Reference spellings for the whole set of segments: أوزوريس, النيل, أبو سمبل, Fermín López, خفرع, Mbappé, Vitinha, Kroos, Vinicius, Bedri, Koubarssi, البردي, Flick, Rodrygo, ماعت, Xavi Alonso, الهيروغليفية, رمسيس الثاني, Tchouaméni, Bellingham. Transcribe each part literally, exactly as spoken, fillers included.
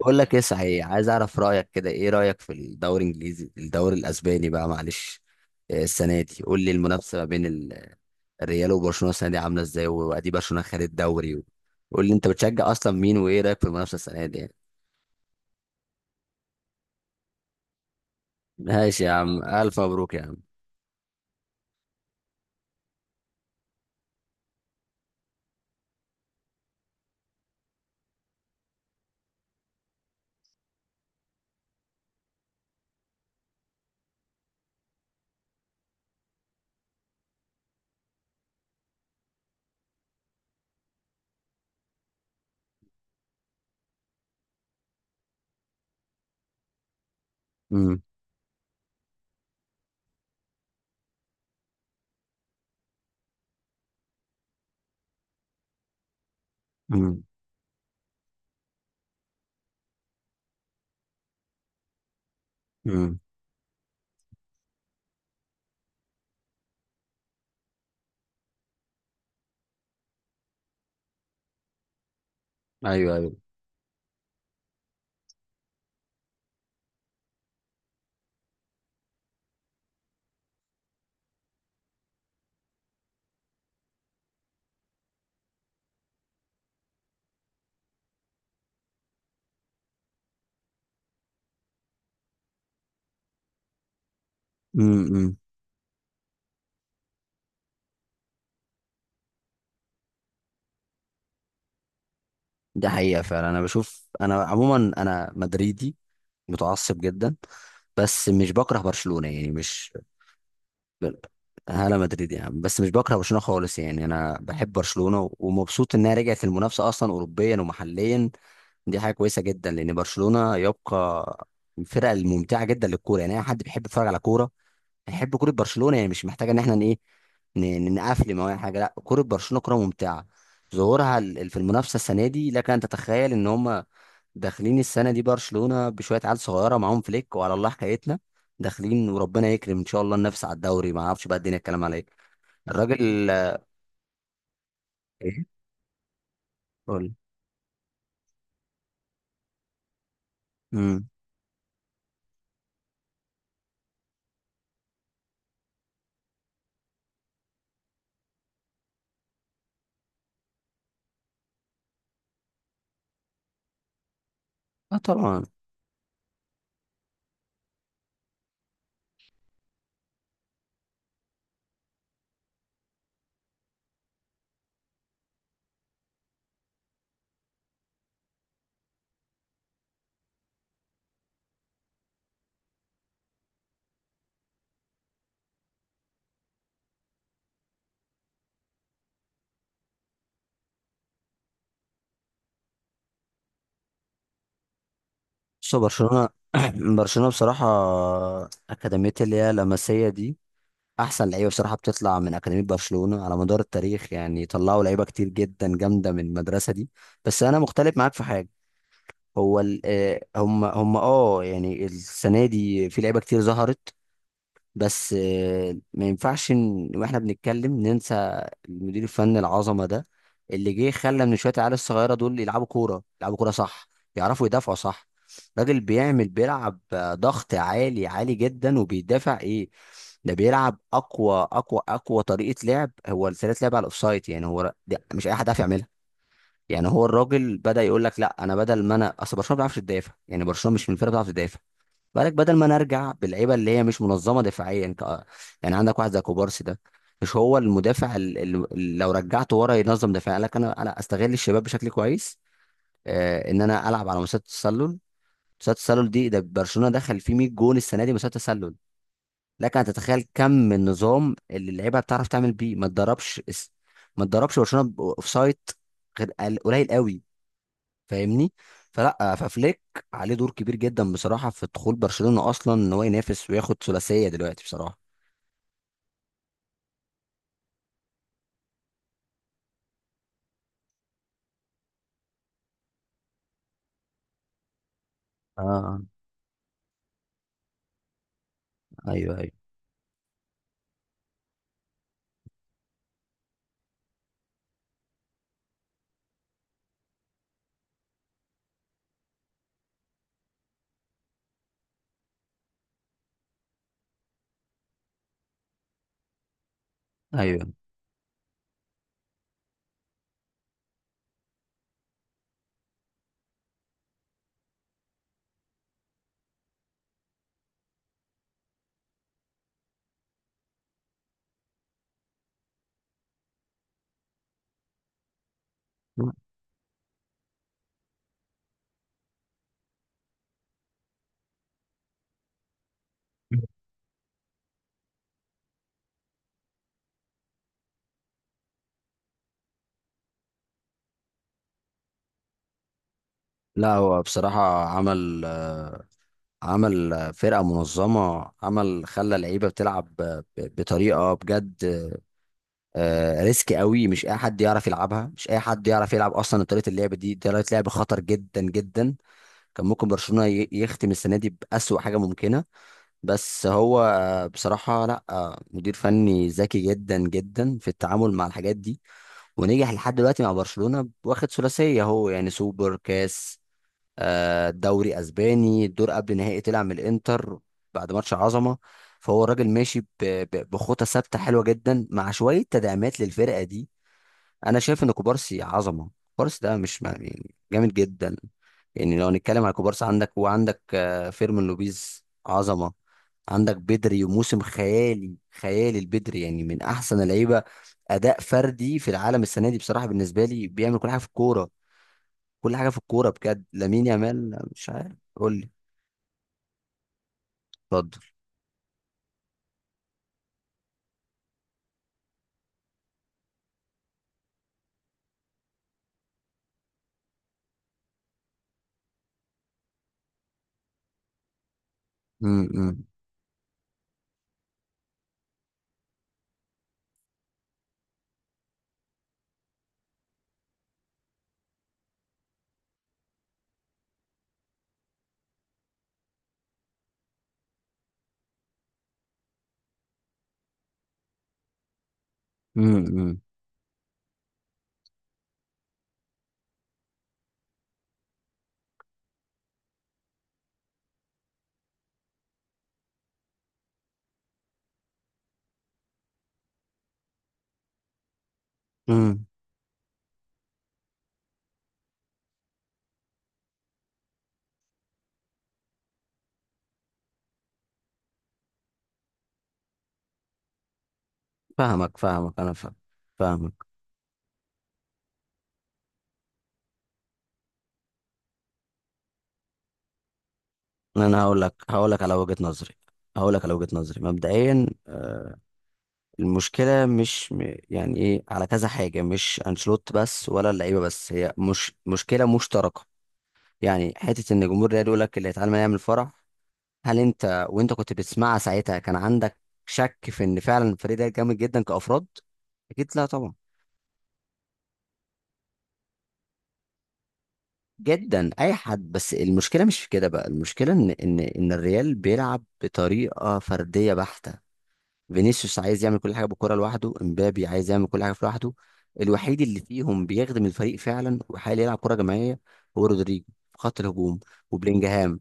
بقول لك ايه، صحيح عايز اعرف رايك كده. ايه رايك في الدوري الانجليزي، الدوري الاسباني بقى؟ معلش. آه، السنه دي قول لي، المنافسه ما بين ال- الريال وبرشلونه السنه دي عامله ازاي؟ وادي برشلونه خد الدوري. قول لي انت بتشجع اصلا مين، وايه رايك في المنافسه السنه دي يعني؟ ماشي يا عم، الف مبروك يا عم. امم. امم. امم. ايوه، ايوه. امم. امم. ده حقيقه فعلا. انا بشوف انا عموما انا مدريدي متعصب جدا، بس مش بكره برشلونه يعني، مش بل- انا مدريد يا عم، بس مش بكره برشلونه خالص يعني. انا بحب برشلونه ومبسوط انها رجعت المنافسه اصلا، اوروبيا ومحليا. دي حاجه كويسه جدا، لان برشلونه يبقى من الفرق الممتعه جدا للكوره، يعني اي حد بيحب يتفرج على كوره نحب كرة برشلونة، يعني مش محتاجة ان احنا ن- ايه ن- ن- نقفل. ما حاجة، لا، كرة برشلونة كرة ممتعة. ظهورها ال- ال- في المنافسة السنة دي، لك ان تتخيل ان هم داخلين السنة دي. برشلونة بشوية عيال صغيرة معاهم فليك، وعلى الله حكايتنا. داخلين وربنا يكرم، ان شاء الله ننافس على الدوري. ما اعرفش بقى الدنيا الكلام على ايه. الراجل آه، ايه؟ قول. امم. اه، طبعا. بص برشلونة. برشلونة بصراحة، أكاديمية اللي هي لاماسيا دي احسن لعيبه بصراحه، بتطلع من اكاديميه برشلونه على مدار التاريخ، يعني طلعوا لعيبه كتير جدا جامده من المدرسه دي. بس انا مختلف معاك في حاجه. هو ال- آه، هم هم اه يعني السنه دي في لعيبه كتير ظهرت، بس آه، ما ينفعش إن- واحنا بنتكلم ننسى المدير الفني العظمه ده، اللي جه خلى من شويه العيال الصغيره دول يلعبوا كوره، يلعبوا كوره صح، يعرفوا يدافعوا صح. راجل بيعمل، بيلعب آه، ضغط عالي عالي جدا، وبيدافع ايه. ده بيلعب اقوى اقوى اقوى طريقه لعب. هو طريقه لعب على الاوفسايد يعني، هو ر- ده مش اي حد عارف يعملها. يعني هو الراجل بدا يقول لك لا، انا بدل ما انا، اصل برشلونه ما بيعرفش تدافع، يعني برشلونه مش من الفرقه بتعرف تدافع. بالك بدل ما نرجع باللعيبه اللي هي مش منظمه دفاعيا، انت يعني عندك واحد زي كوبارسي ده، مش هو المدافع، اللي لو رجعته ورا ينظم دفاع. قال لك انا انا استغل الشباب بشكل كويس. آه، ان انا العب على مسات التسلل. مسات التسلل دي، ده برشلونه دخل فيه مية جون السنه دي مسات تسلل. لك ان تتخيل كم النظام اللي اللعيبه بتعرف تعمل بيه. ما تدربش، ما تدربش برشلونه اوف سايت غير قل- قليل قوي. فاهمني؟ فلا، ففليك عليه دور كبير جدا بصراحه في دخول برشلونه اصلا، ان هو ينافس وياخد ثلاثيه دلوقتي بصراحه. اه. ايوه، ايوه، ايوه. لا، هو بصراحه عمل آه، عمل آه، فرقه منظمه، عمل خلى اللعيبه بتلعب ب- ب- بطريقه بجد، آه، ريسك قوي. مش اي حد يعرف يلعبها، مش اي حد يعرف يلعب اصلا طريقه اللعب دي، طريقه لعب خطر جدا جدا. كان ممكن برشلونه ي- يختم السنه دي باسوا حاجه ممكنه، بس هو آه، بصراحة لا، آه، مدير فني ذكي جدا جدا في التعامل مع الحاجات دي، ونجح لحد دلوقتي مع برشلونة. واخد ثلاثية هو يعني، سوبر كاس، آه، دوري اسباني، الدور قبل نهائي طلع من الانتر بعد ماتش عظمة. فهو الراجل ماشي ب- ب- بخطى ثابتة حلوة جدا، مع شوية تدعيمات للفرقة دي. انا شايف ان كوبارسي عظمه. كوبارسي ده مش ما- يعني جامد جدا. يعني لو هنتكلم على كوبارسي، عندك، وعندك آه، فيرمين لوبيز عظمه. عندك بدري، وموسم خيالي خيالي البدري، يعني من احسن اللعيبه اداء فردي في العالم السنه دي بصراحه بالنسبه لي، بيعمل كل حاجه في الكوره، كل حاجه في الكوره بجد. لامين يامال، مش عارف قول لي. اتفضل. امم. امم. امم. فاهمك فاهمك، انا فاهم. فاهمك. انا هقول لك، هقول لك على وجهه نظري. هقول لك على وجهه نظري مبدئيا. المشكلة مش م- يعني ايه، على كذا حاجة، مش انشيلوتي بس ولا اللعيبة بس، هي مش مشكلة، مشتركة يعني. حتة ان جمهور الريال يقول لك اللي هيتعلم يعمل فرح، هل انت، وانت كنت بتسمعها ساعتها، كان عندك شك في ان فعلا الفريق ده جامد جدا كأفراد؟ اكيد لا، طبعا. جدا، اي حد. بس المشكلة مش في كده بقى. المشكلة ان ان ان الريال بيلعب بطريقة فردية بحتة. فينيسيوس عايز يعمل كل حاجه بالكره لوحده، امبابي عايز يعمل كل حاجه في لوحده. الوحيد اللي فيهم بيخدم الفريق فعلا، وحاليا يلعب كره جماعيه، هو رودريجو في خط الهجوم، وبلينجهام.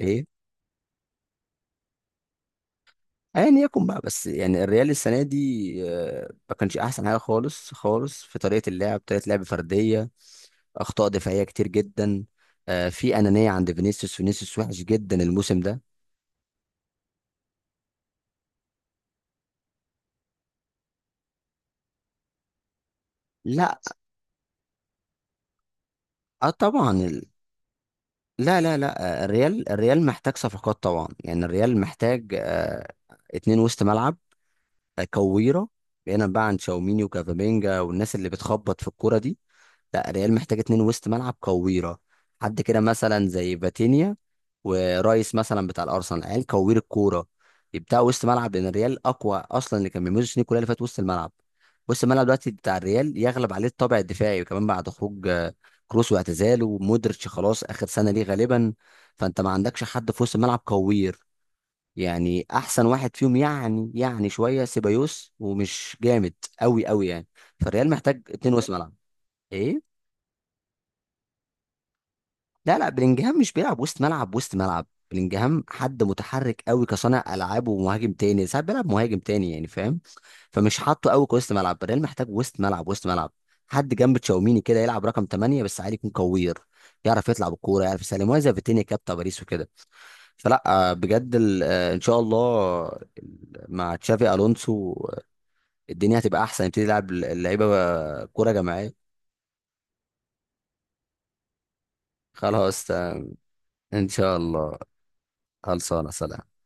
ايه؟ ايا يكن بقى، بس يعني الريال السنه دي آه، ما كانش احسن حاجه خالص خالص في طريقه اللعب، طريقه لعب فرديه، اخطاء دفاعيه كتير جدا، آه، في انانيه عند فينيسيوس. فينيسيوس وحش جدا الموسم ده. لا. اه، طبعا. لا، لا، لا، آه، الريال، الريال محتاج صفقات طبعا، يعني الريال محتاج آه، اتنين وسط ملعب، آه، كويرة، بعيدا بقى عن تشاوميني وكافامينجا والناس اللي بتخبط في الكوره دي. لا، ريال محتاج اتنين وسط ملعب كويرة. حد كده مثلا زي فاتينيا، ورايس مثلا بتاع الارسنال، عيال كوير الكوره، يبدأ وسط ملعب. لان الريال اقوى اصلا، اللي كان بيميزه السنين كلها اللي فاتت وسط الملعب. وسط الملعب دلوقتي بتاع الريال يغلب عليه الطابع الدفاعي، وكمان بعد خروج آه، كروس واعتزاله، ومودريتش خلاص اخر سنه ليه غالبا. فانت ما عندكش حد في وسط الملعب كوير. يعني احسن واحد فيهم، يعني يعني شويه سيبايوس، ومش جامد قوي قوي يعني. فالريال محتاج اتنين وسط ملعب. ايه؟ لا، لا، بلينجهام مش بيلعب وسط ملعب. وسط ملعب بلينجهام، حد متحرك قوي كصانع العاب ومهاجم تاني، ساعات بيلعب مهاجم تاني يعني، فاهم. فمش حاطه قوي كوسط ملعب. الريال محتاج وسط ملعب، وسط ملعب، حد جنب تشاوميني كده، يلعب رقم ثمانية بس، عادي، يكون كوير، يعرف يطلع بالكوره، يعرف يسلم، وهي زي فيتينيا كده بتاع باريس وكده. فلا، آه، بجد ال- آه، ان شاء الله ال- مع تشافي الونسو، آه، الدنيا هتبقى احسن، يبتدي يلعب اللعيبه آه، كوره جماعيه. خلاص آه، ان شاء الله. خلصانه، سلام.